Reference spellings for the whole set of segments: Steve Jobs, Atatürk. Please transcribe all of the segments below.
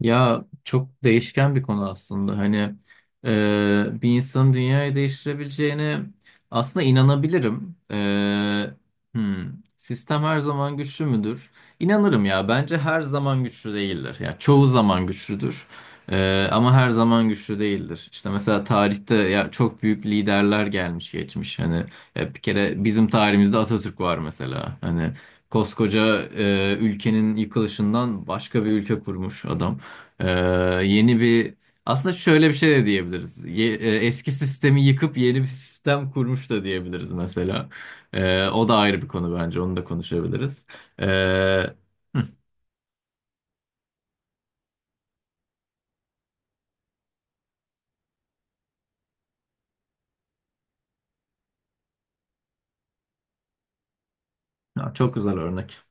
Ya çok değişken bir konu aslında. Hani bir insanın dünyayı değiştirebileceğine aslında inanabilirim. Hmm, sistem her zaman güçlü müdür? İnanırım ya. Bence her zaman güçlü değildir. Ya çoğu zaman güçlüdür. Ama her zaman güçlü değildir. İşte mesela tarihte ya çok büyük liderler gelmiş geçmiş. Hani ya bir kere bizim tarihimizde Atatürk var mesela. Hani koskoca ülkenin yıkılışından başka bir ülke kurmuş adam. Ee, yeni bir aslında şöyle bir şey de diyebiliriz. Eski sistemi yıkıp yeni bir sistem kurmuş da diyebiliriz mesela. O da ayrı bir konu bence. Onu da konuşabiliriz. Ee, Ya çok güzel örnek.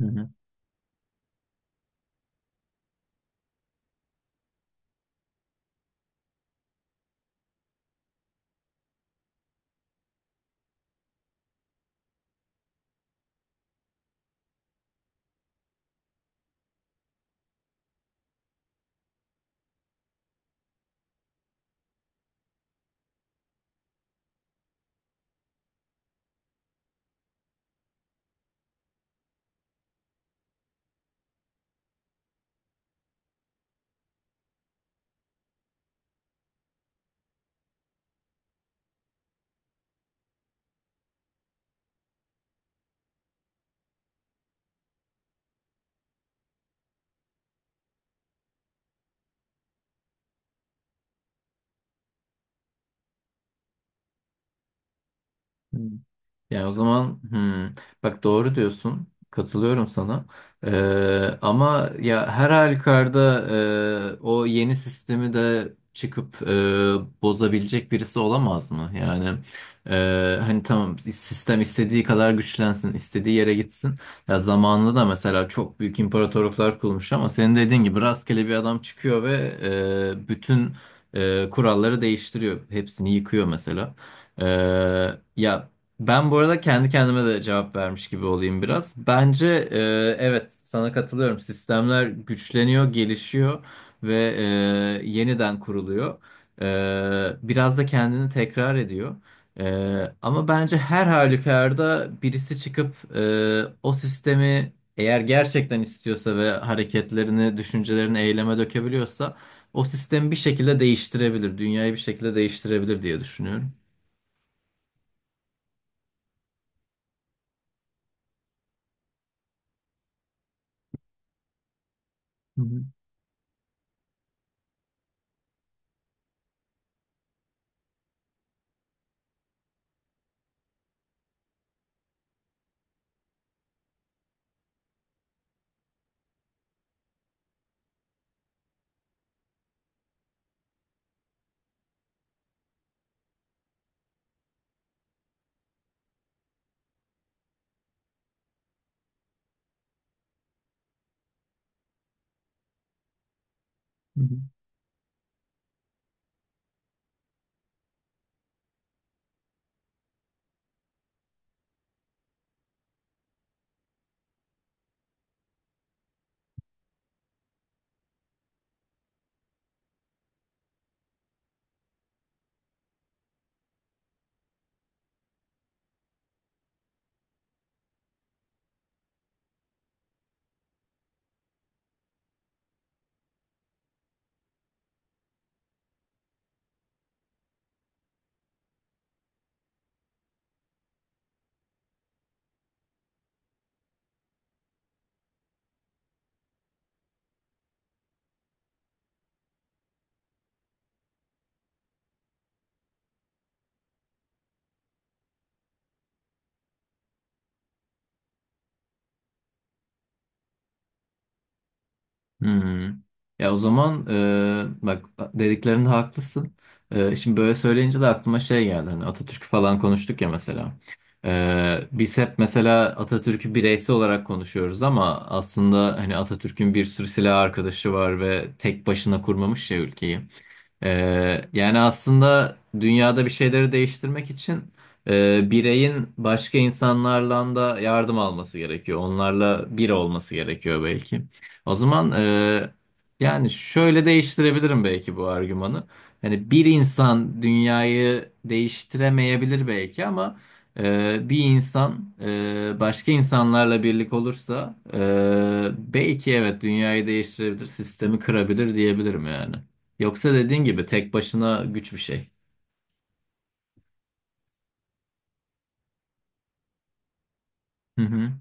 Hı hı. Yani o zaman bak doğru diyorsun. Katılıyorum sana. Ama ya her halükarda o yeni sistemi de çıkıp bozabilecek birisi olamaz mı? Yani hani tamam sistem istediği kadar güçlensin, istediği yere gitsin. Ya zamanında da mesela çok büyük imparatorluklar kurulmuş ama senin dediğin gibi rastgele bir adam çıkıyor ve bütün kuralları değiştiriyor. Hepsini yıkıyor mesela. Ya ben bu arada kendi kendime de cevap vermiş gibi olayım biraz. Bence evet sana katılıyorum. Sistemler güçleniyor, gelişiyor ve yeniden kuruluyor. Biraz da kendini tekrar ediyor. E, ama bence her halükarda birisi çıkıp o sistemi eğer gerçekten istiyorsa ve hareketlerini, düşüncelerini eyleme dökebiliyorsa o sistemi bir şekilde değiştirebilir. Dünyayı bir şekilde değiştirebilir diye düşünüyorum. Hı hı, hı hı. Hmm. Ya o zaman bak dediklerinde haklısın. Şimdi böyle söyleyince de aklıma şey geldi. Hani Atatürk'ü falan konuştuk ya mesela. Biz hep mesela Atatürk'ü bireysel olarak konuşuyoruz ama aslında hani Atatürk'ün bir sürü silah arkadaşı var ve tek başına kurmamış ya ülkeyi. Yani aslında dünyada bir şeyleri değiştirmek için bireyin başka insanlarla da yardım alması gerekiyor. Onlarla bir olması gerekiyor belki. O zaman yani şöyle değiştirebilirim belki bu argümanı. Hani bir insan dünyayı değiştiremeyebilir belki ama bir insan başka insanlarla birlik olursa belki evet dünyayı değiştirebilir, sistemi kırabilir diyebilirim yani. Yoksa dediğin gibi tek başına güç bir şey. Hı hı,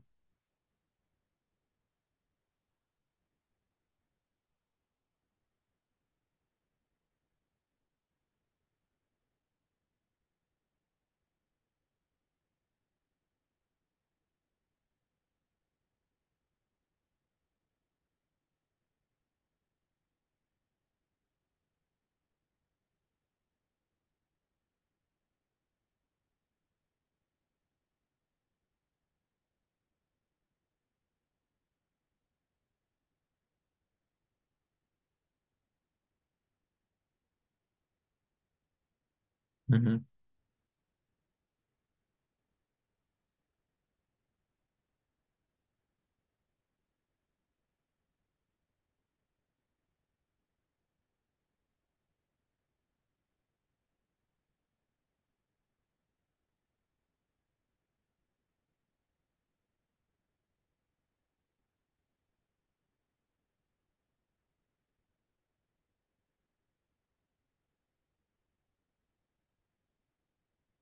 hı hı.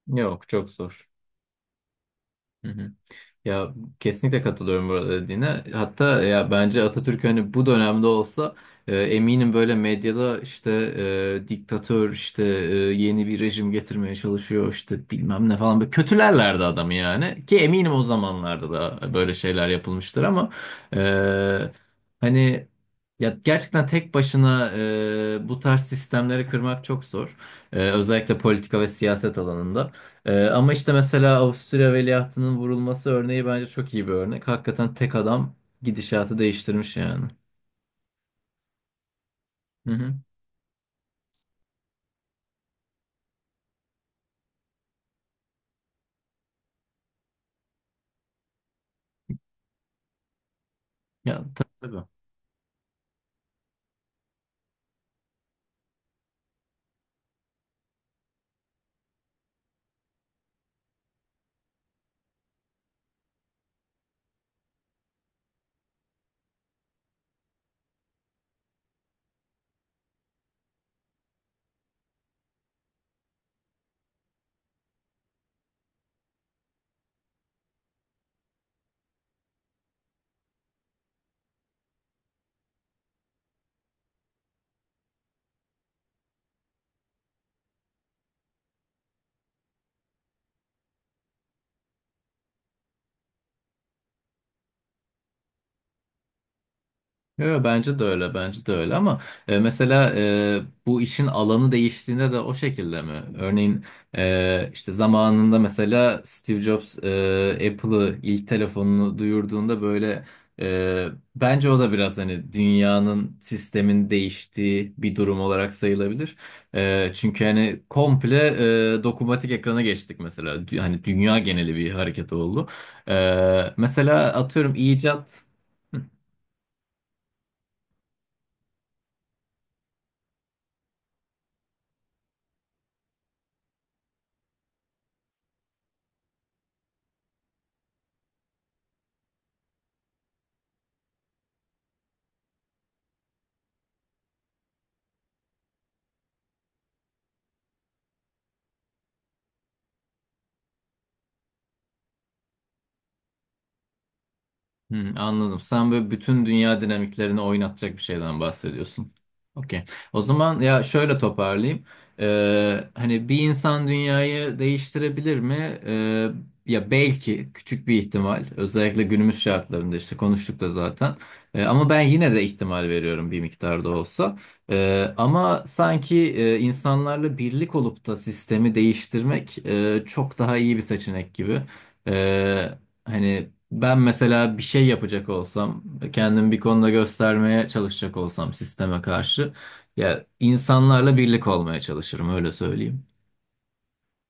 Yok çok zor. Hı hı. Ya kesinlikle katılıyorum burada dediğine. Hatta ya bence Atatürk hani bu dönemde olsa eminim böyle medyada işte diktatör işte yeni bir rejim getirmeye çalışıyor işte bilmem ne falan böyle kötülerlerdi adamı yani. Ki eminim o zamanlarda da böyle şeyler yapılmıştır ama e, hani ya gerçekten tek başına bu tarz sistemleri kırmak çok zor. Özellikle politika ve siyaset alanında. Ama işte mesela Avusturya veliahtının vurulması örneği bence çok iyi bir örnek. Hakikaten tek adam gidişatı değiştirmiş yani. Hı hı. Ya tabii. Yo, bence de öyle, bence de öyle ama mesela bu işin alanı değiştiğinde de o şekilde mi? Örneğin işte zamanında mesela Steve Jobs Apple'ı ilk telefonunu duyurduğunda böyle e, bence o da biraz hani dünyanın sistemin değiştiği bir durum olarak sayılabilir. Çünkü hani komple dokunmatik ekrana geçtik mesela. Hani dünya geneli bir hareket oldu. Mesela atıyorum icat. Hmm, anladım. Sen böyle bütün dünya dinamiklerini oynatacak bir şeyden bahsediyorsun. Okey. O zaman ya şöyle toparlayayım. Hani bir insan dünyayı değiştirebilir mi? Ee, ya belki küçük bir ihtimal. Özellikle günümüz şartlarında işte konuştuk da zaten. Ama ben yine de ihtimal veriyorum bir miktar da olsa. Ama sanki insanlarla birlik olup da sistemi değiştirmek çok daha iyi bir seçenek gibi. Ee, Hani ben mesela bir şey yapacak olsam, kendimi bir konuda göstermeye çalışacak olsam sisteme karşı, ya insanlarla birlik olmaya çalışırım öyle söyleyeyim.